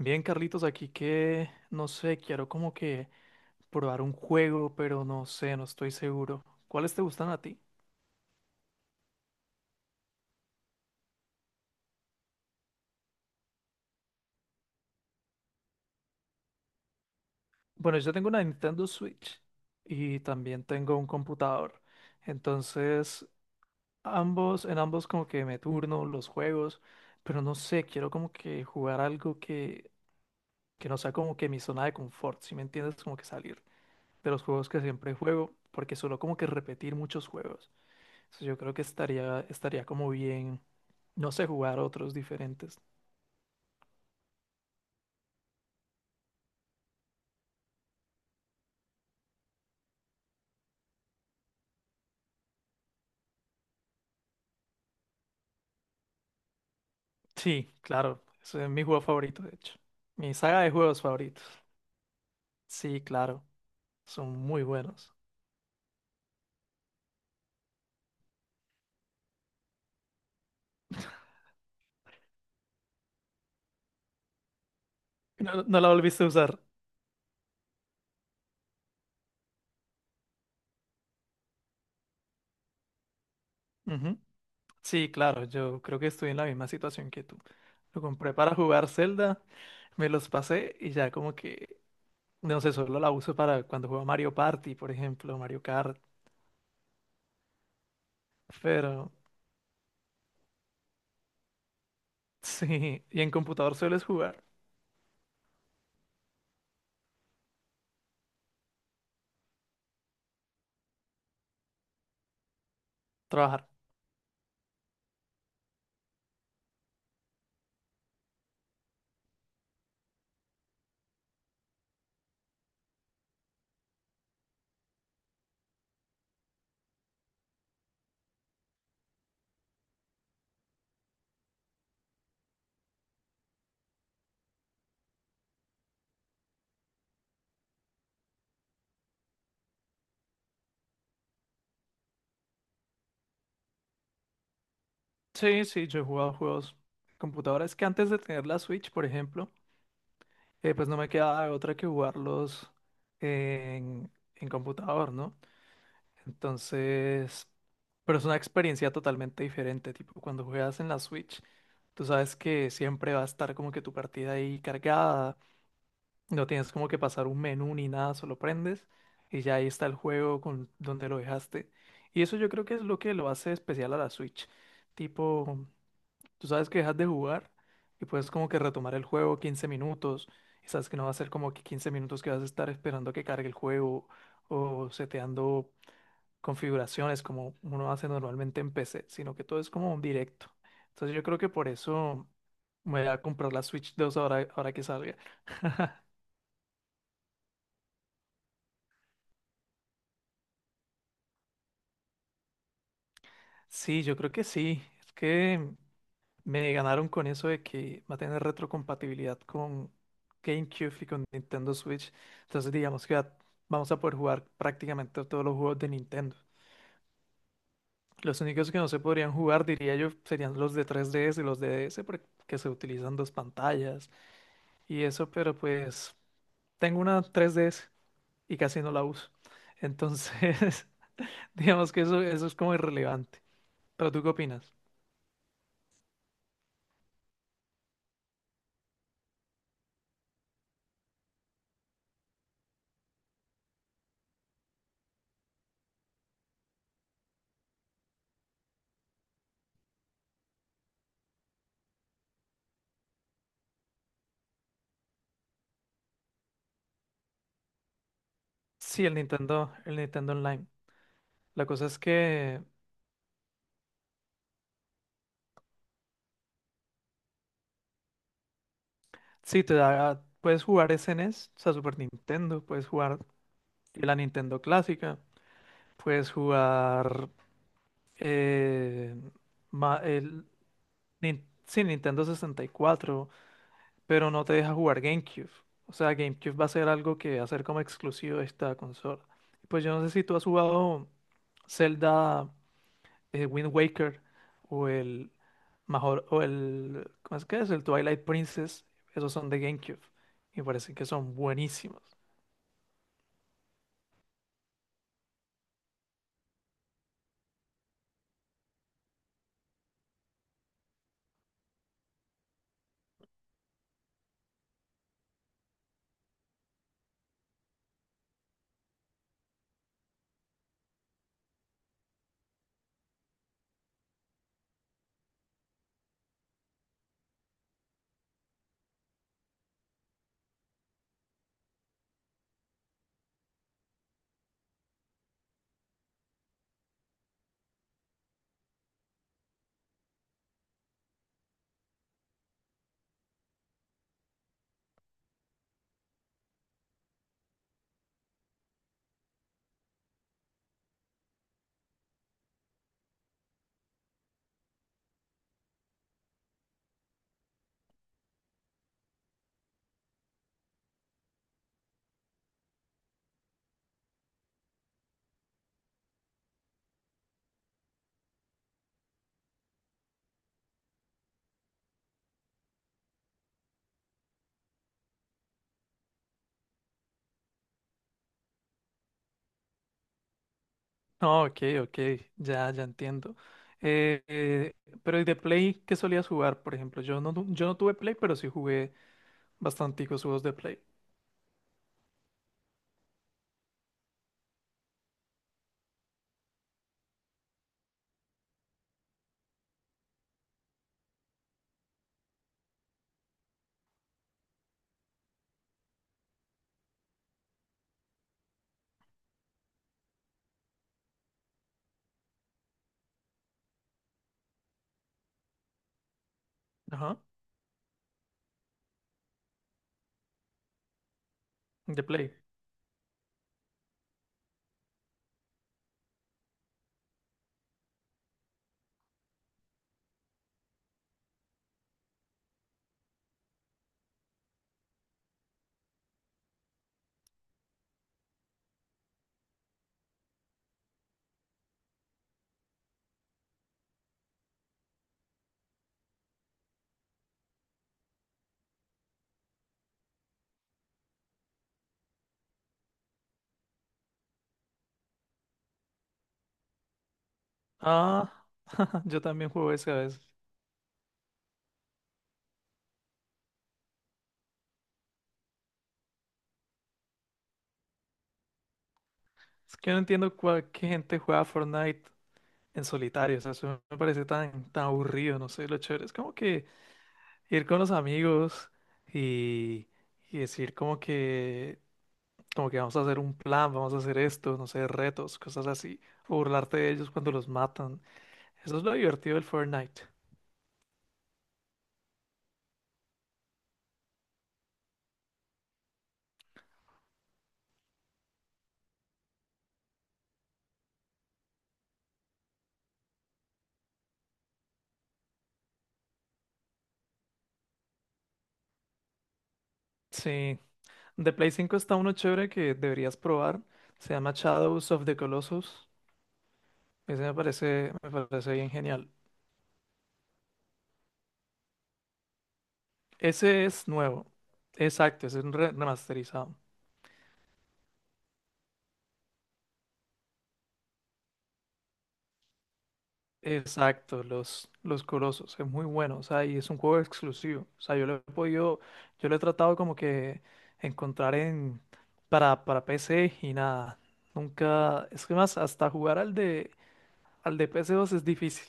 Bien, Carlitos, aquí que no sé, quiero como que probar un juego, pero no sé, no estoy seguro. ¿Cuáles te gustan a ti? Bueno, yo tengo una Nintendo Switch y también tengo un computador. Entonces, ambos, en ambos como que me turno los juegos, pero no sé, quiero como que jugar algo que no sea como que mi zona de confort, ¿si me entiendes? Como que salir de los juegos que siempre juego, porque suelo como que repetir muchos juegos. Entonces, yo creo que estaría como bien, no sé, jugar otros diferentes. Sí, claro, ese es mi juego favorito, de hecho. Mi saga de juegos favoritos. Sí, claro, son muy buenos. No, no la volviste a usar. Ujú. Sí, claro, yo creo que estoy en la misma situación que tú. Lo compré para jugar Zelda, me los pasé y ya como que, no sé, solo la uso para cuando juego Mario Party, por ejemplo, Mario Kart. Pero sí, ¿y en computador sueles jugar? Trabajar. Sí, sí, yo he jugado juegos computadoras que antes de tener la Switch, por ejemplo, pues no me quedaba otra que jugarlos en computador, ¿no? Entonces, pero es una experiencia totalmente diferente, tipo cuando juegas en la Switch, tú sabes que siempre va a estar como que tu partida ahí cargada. No tienes como que pasar un menú ni nada, solo prendes y ya ahí está el juego con donde lo dejaste. Y eso yo creo que es lo que lo hace especial a la Switch. Tipo, tú sabes que dejas de jugar y puedes como que retomar el juego 15 minutos y sabes que no va a ser como que 15 minutos que vas a estar esperando a que cargue el juego o seteando configuraciones como uno hace normalmente en PC, sino que todo es como un directo. Entonces yo creo que por eso me voy a comprar la Switch 2 ahora, ahora que salga. Sí, yo creo que sí. Es que me ganaron con eso de que va a tener retrocompatibilidad con GameCube y con Nintendo Switch. Entonces, digamos que vamos a poder jugar prácticamente todos los juegos de Nintendo. Los únicos que no se podrían jugar, diría yo, serían los de 3DS y los de DS, porque se utilizan dos pantallas y eso, pero pues tengo una 3DS y casi no la uso. Entonces, digamos que eso es como irrelevante. ¿Pero tú qué opinas? Sí, el Nintendo Online. La cosa es que sí, te da, puedes jugar SNES, o sea, Super Nintendo, puedes jugar la Nintendo clásica, puedes jugar eh, ma- el, sí, Nintendo 64, pero no te deja jugar GameCube. O sea, GameCube va a ser algo que va a ser como exclusivo de esta consola. Pues yo no sé si tú has jugado Zelda Wind Waker o el Major, o el, ¿cómo es que es? El Twilight Princess, esos son de GameCube. Y parece que son buenísimos. No, ok, ok, ya, ya entiendo. Eh, eh, pero ¿y de Play qué solías jugar, por ejemplo? Yo no tuve Play, pero sí jugué bastanticos juegos de Play. Ajá, de Play. Ah, yo también juego ese a veces. Es que no entiendo cuál, qué gente juega Fortnite en solitario. O sea, eso me parece tan aburrido, no sé, lo chévere. Es como que ir con los amigos y, y decir como que vamos a hacer un plan, vamos a hacer esto, no sé, retos, cosas así, o burlarte de ellos cuando los matan. Eso es lo divertido del Fortnite. Sí, de Play 5 está uno chévere que deberías probar, se llama Shadows of the Colossus. Ese me parece bien genial. Ese es nuevo, exacto, ese es un remasterizado. Exacto, los Colosos, es muy bueno, o sea, y es un juego exclusivo, o sea, yo lo he podido, yo lo he tratado como que encontrar en, para PC y nada, nunca, es que más, hasta jugar al de PS2 es difícil,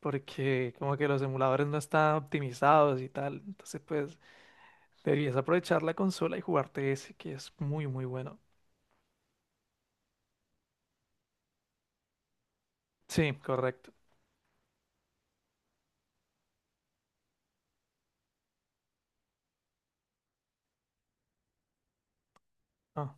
porque como que los emuladores no están optimizados y tal, entonces pues deberías aprovechar la consola y jugarte ese, que es muy, muy bueno. Sí, correcto. Ah,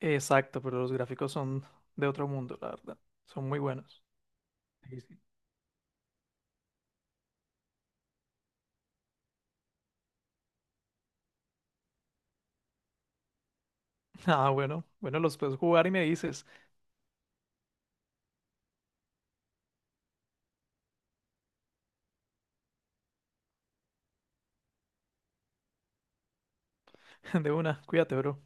exacto, pero los gráficos son de otro mundo, la verdad, son muy buenos. Ah, bueno, bueno, los puedes jugar y me dices. De una, cuídate, bro.